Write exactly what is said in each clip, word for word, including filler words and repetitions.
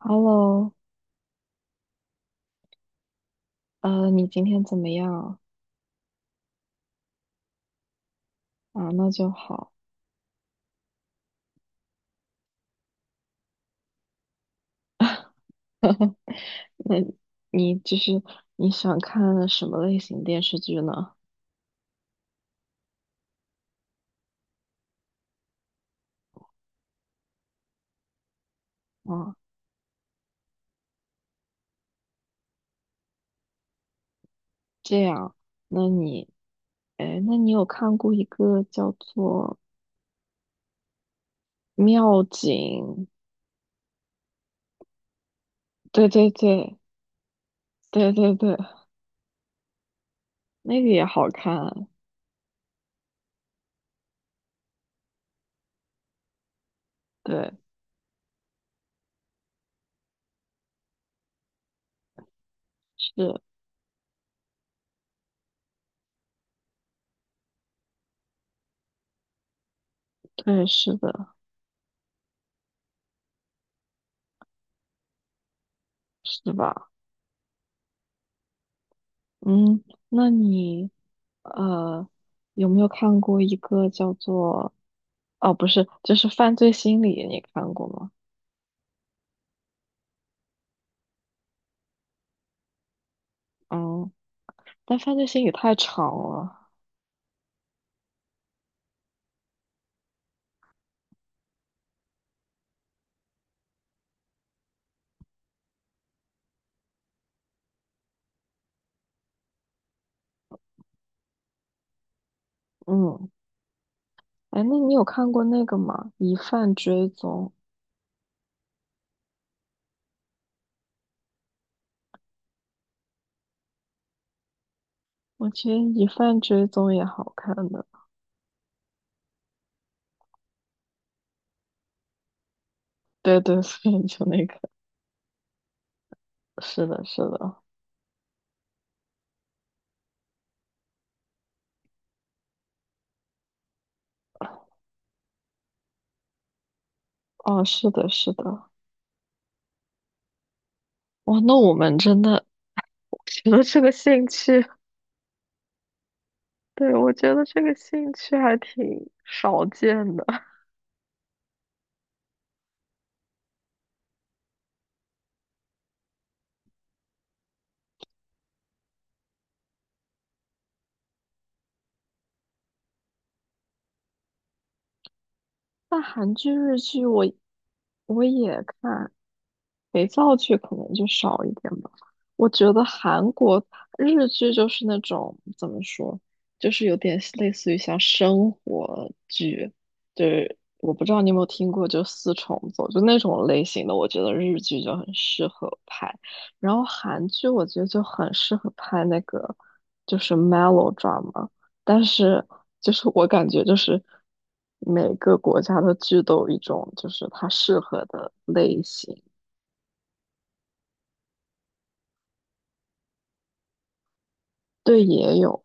Hello，呃，你今天怎么样啊？那就好。那你就是你想看什么类型电视剧呢？啊，这样，那你，哎，那你有看过一个叫做《妙警》？对对对对对对，那个也好看。对，是，对，是的，是吧？嗯，那你呃有没有看过一个叫做哦，不是，就是《犯罪心理》，你看过吗？嗯，但犯罪心理太长了。嗯，哎，那你有看过那个吗？《疑犯追踪》，我觉得《疑犯追踪》也好看的。对对，所以就那个，是的，是的，哦，是的，是的。哇，那我们真的，我觉得这个兴趣，对，我觉得这个兴趣还挺少见的。那韩剧、日剧我我也看，肥皂剧可能就少一点吧。我觉得韩国日剧就是那种怎么说，就是有点类似于像生活剧，就是我不知道你有没有听过，就四重奏，就那种类型的，我觉得日剧就很适合拍。然后韩剧我觉得就很适合拍那个就是 melodrama，但是就是我感觉就是每个国家的剧都有一种就是它适合的类型。对，也有。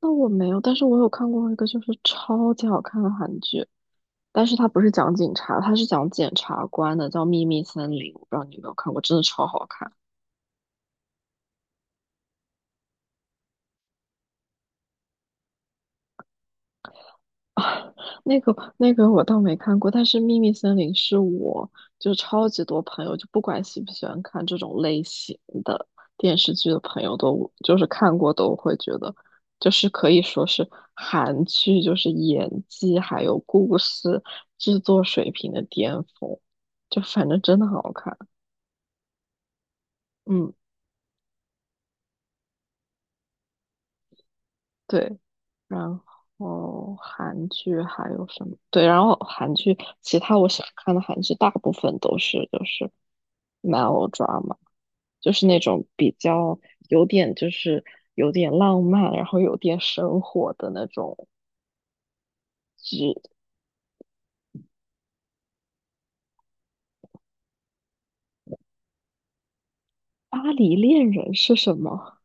那我没有，但是我有看过一个就是超级好看的韩剧，但是它不是讲警察，它是讲检察官的，叫《秘密森林》，我不知道你有没有看过，真的超好看。啊，那个那个我倒没看过，但是《秘密森林》是我就超级多朋友，就不管喜不喜欢看这种类型的电视剧的朋友都就是看过都会觉得，就是可以说是韩剧就是演技还有故事制作水平的巅峰，就反正真的很好看，嗯。对，然后韩剧还有什么？对，然后韩剧其他我想看的韩剧大部分都是就是 melodrama，就是那种比较有点就是有点浪漫，然后有点生活的那种剧。巴黎恋人是什么？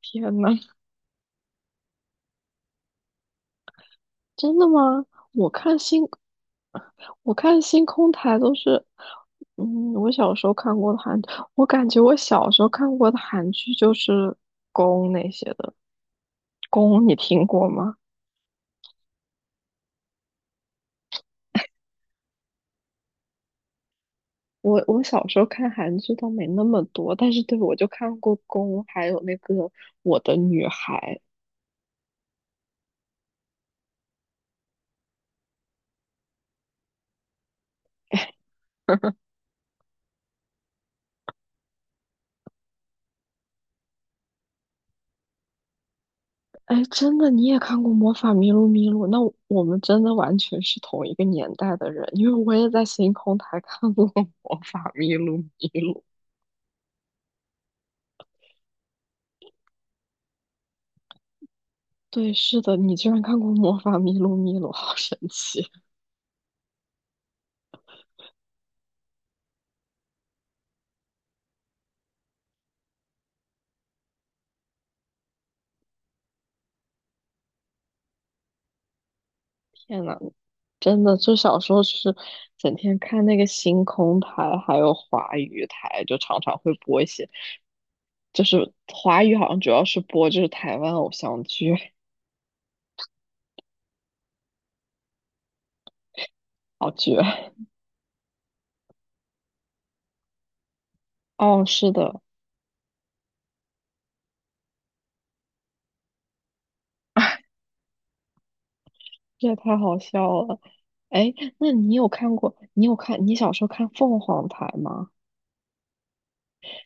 天呐！真的吗？我看星，我看星空台都是，嗯，我小时候看过的韩，我感觉我小时候看过的韩剧就是宫那些的。宫你听过吗？我我小时候看韩剧倒没那么多，但是对我就看过宫，还有那个我的女孩。哎，真的，你也看过《魔法咪路咪路》？那我我们真的完全是同一个年代的人，因为我也在星空台看过《魔法咪路咪路》。对，是的，你居然看过《魔法咪路咪路》，好神奇！天呐，真的，就小时候就是整天看那个星空台，还有华语台，就常常会播一些，就是华语好像主要是播就是台湾偶像剧，好绝！哦，是的，这也太好笑了。哎，那你有看过？你有看？你小时候看凤凰台吗？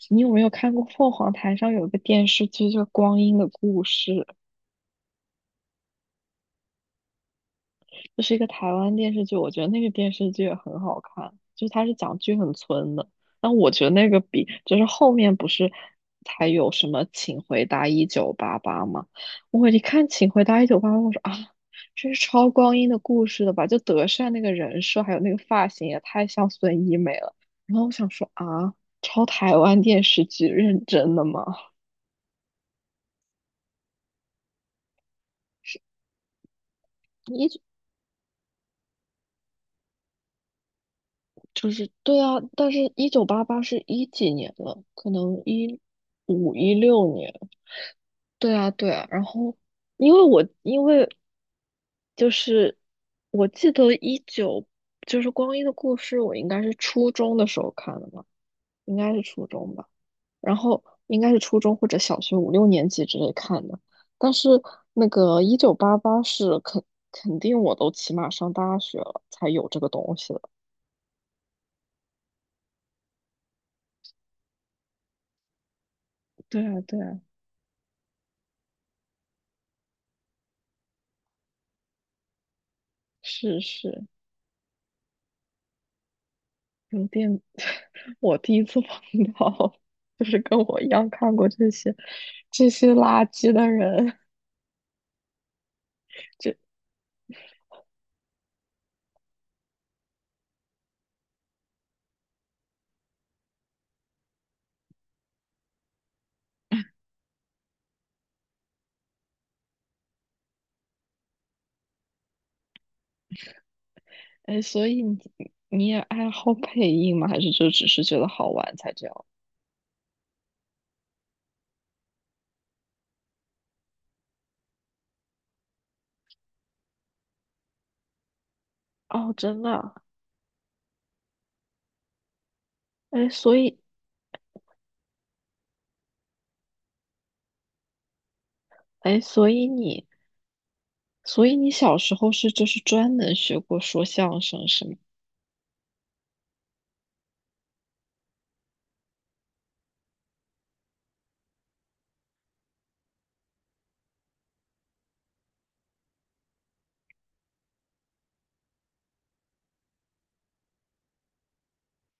你有没有看过凤凰台上有一个电视剧叫《光阴的故事》？这是一个台湾电视剧，我觉得那个电视剧也很好看，就是它是讲剧很村的，但我觉得那个比就是后面不是才有什么《请回答一九八八》吗？我一看《请回答一九八八》，我说啊，这是超光阴的故事的吧？就德善那个人设还有那个发型也太像孙一美了，然后我想说啊，超台湾电视剧认真的吗？一。就是对啊，但是一九八八是一几年了？可能一五一六年。对啊，对啊。然后，因为我因为就是我记得一九就是《光阴的故事》，我应该是初中的时候看的嘛，应该是初中吧。然后应该是初中或者小学五六年级之类看的。但是那个一九八八是肯肯定我都起码上大学了才有这个东西了。对啊，对啊，是是。有点，我第一次碰到，就是跟我一样看过这些这些垃圾的人。就哎，所以你你也爱好配音吗？还是就只是觉得好玩才这样？哦，真的啊，哎，所以，哎，所以你，所以你小时候是就是专门学过说相声是吗？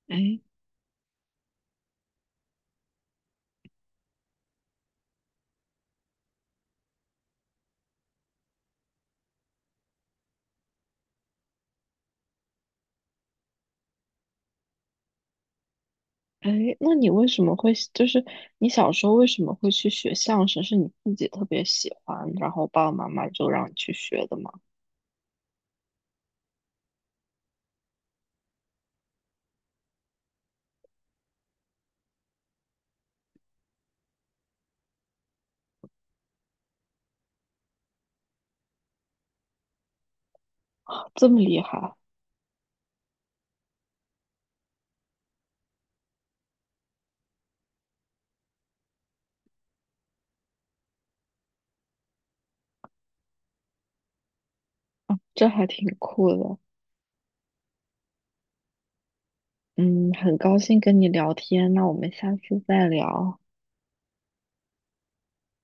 哎哎，那你为什么会就是你小时候为什么会去学相声？是你自己特别喜欢，然后爸爸妈妈就让你去学的吗？这么厉害，这还挺酷的。嗯，很高兴跟你聊天，那我们下次再聊。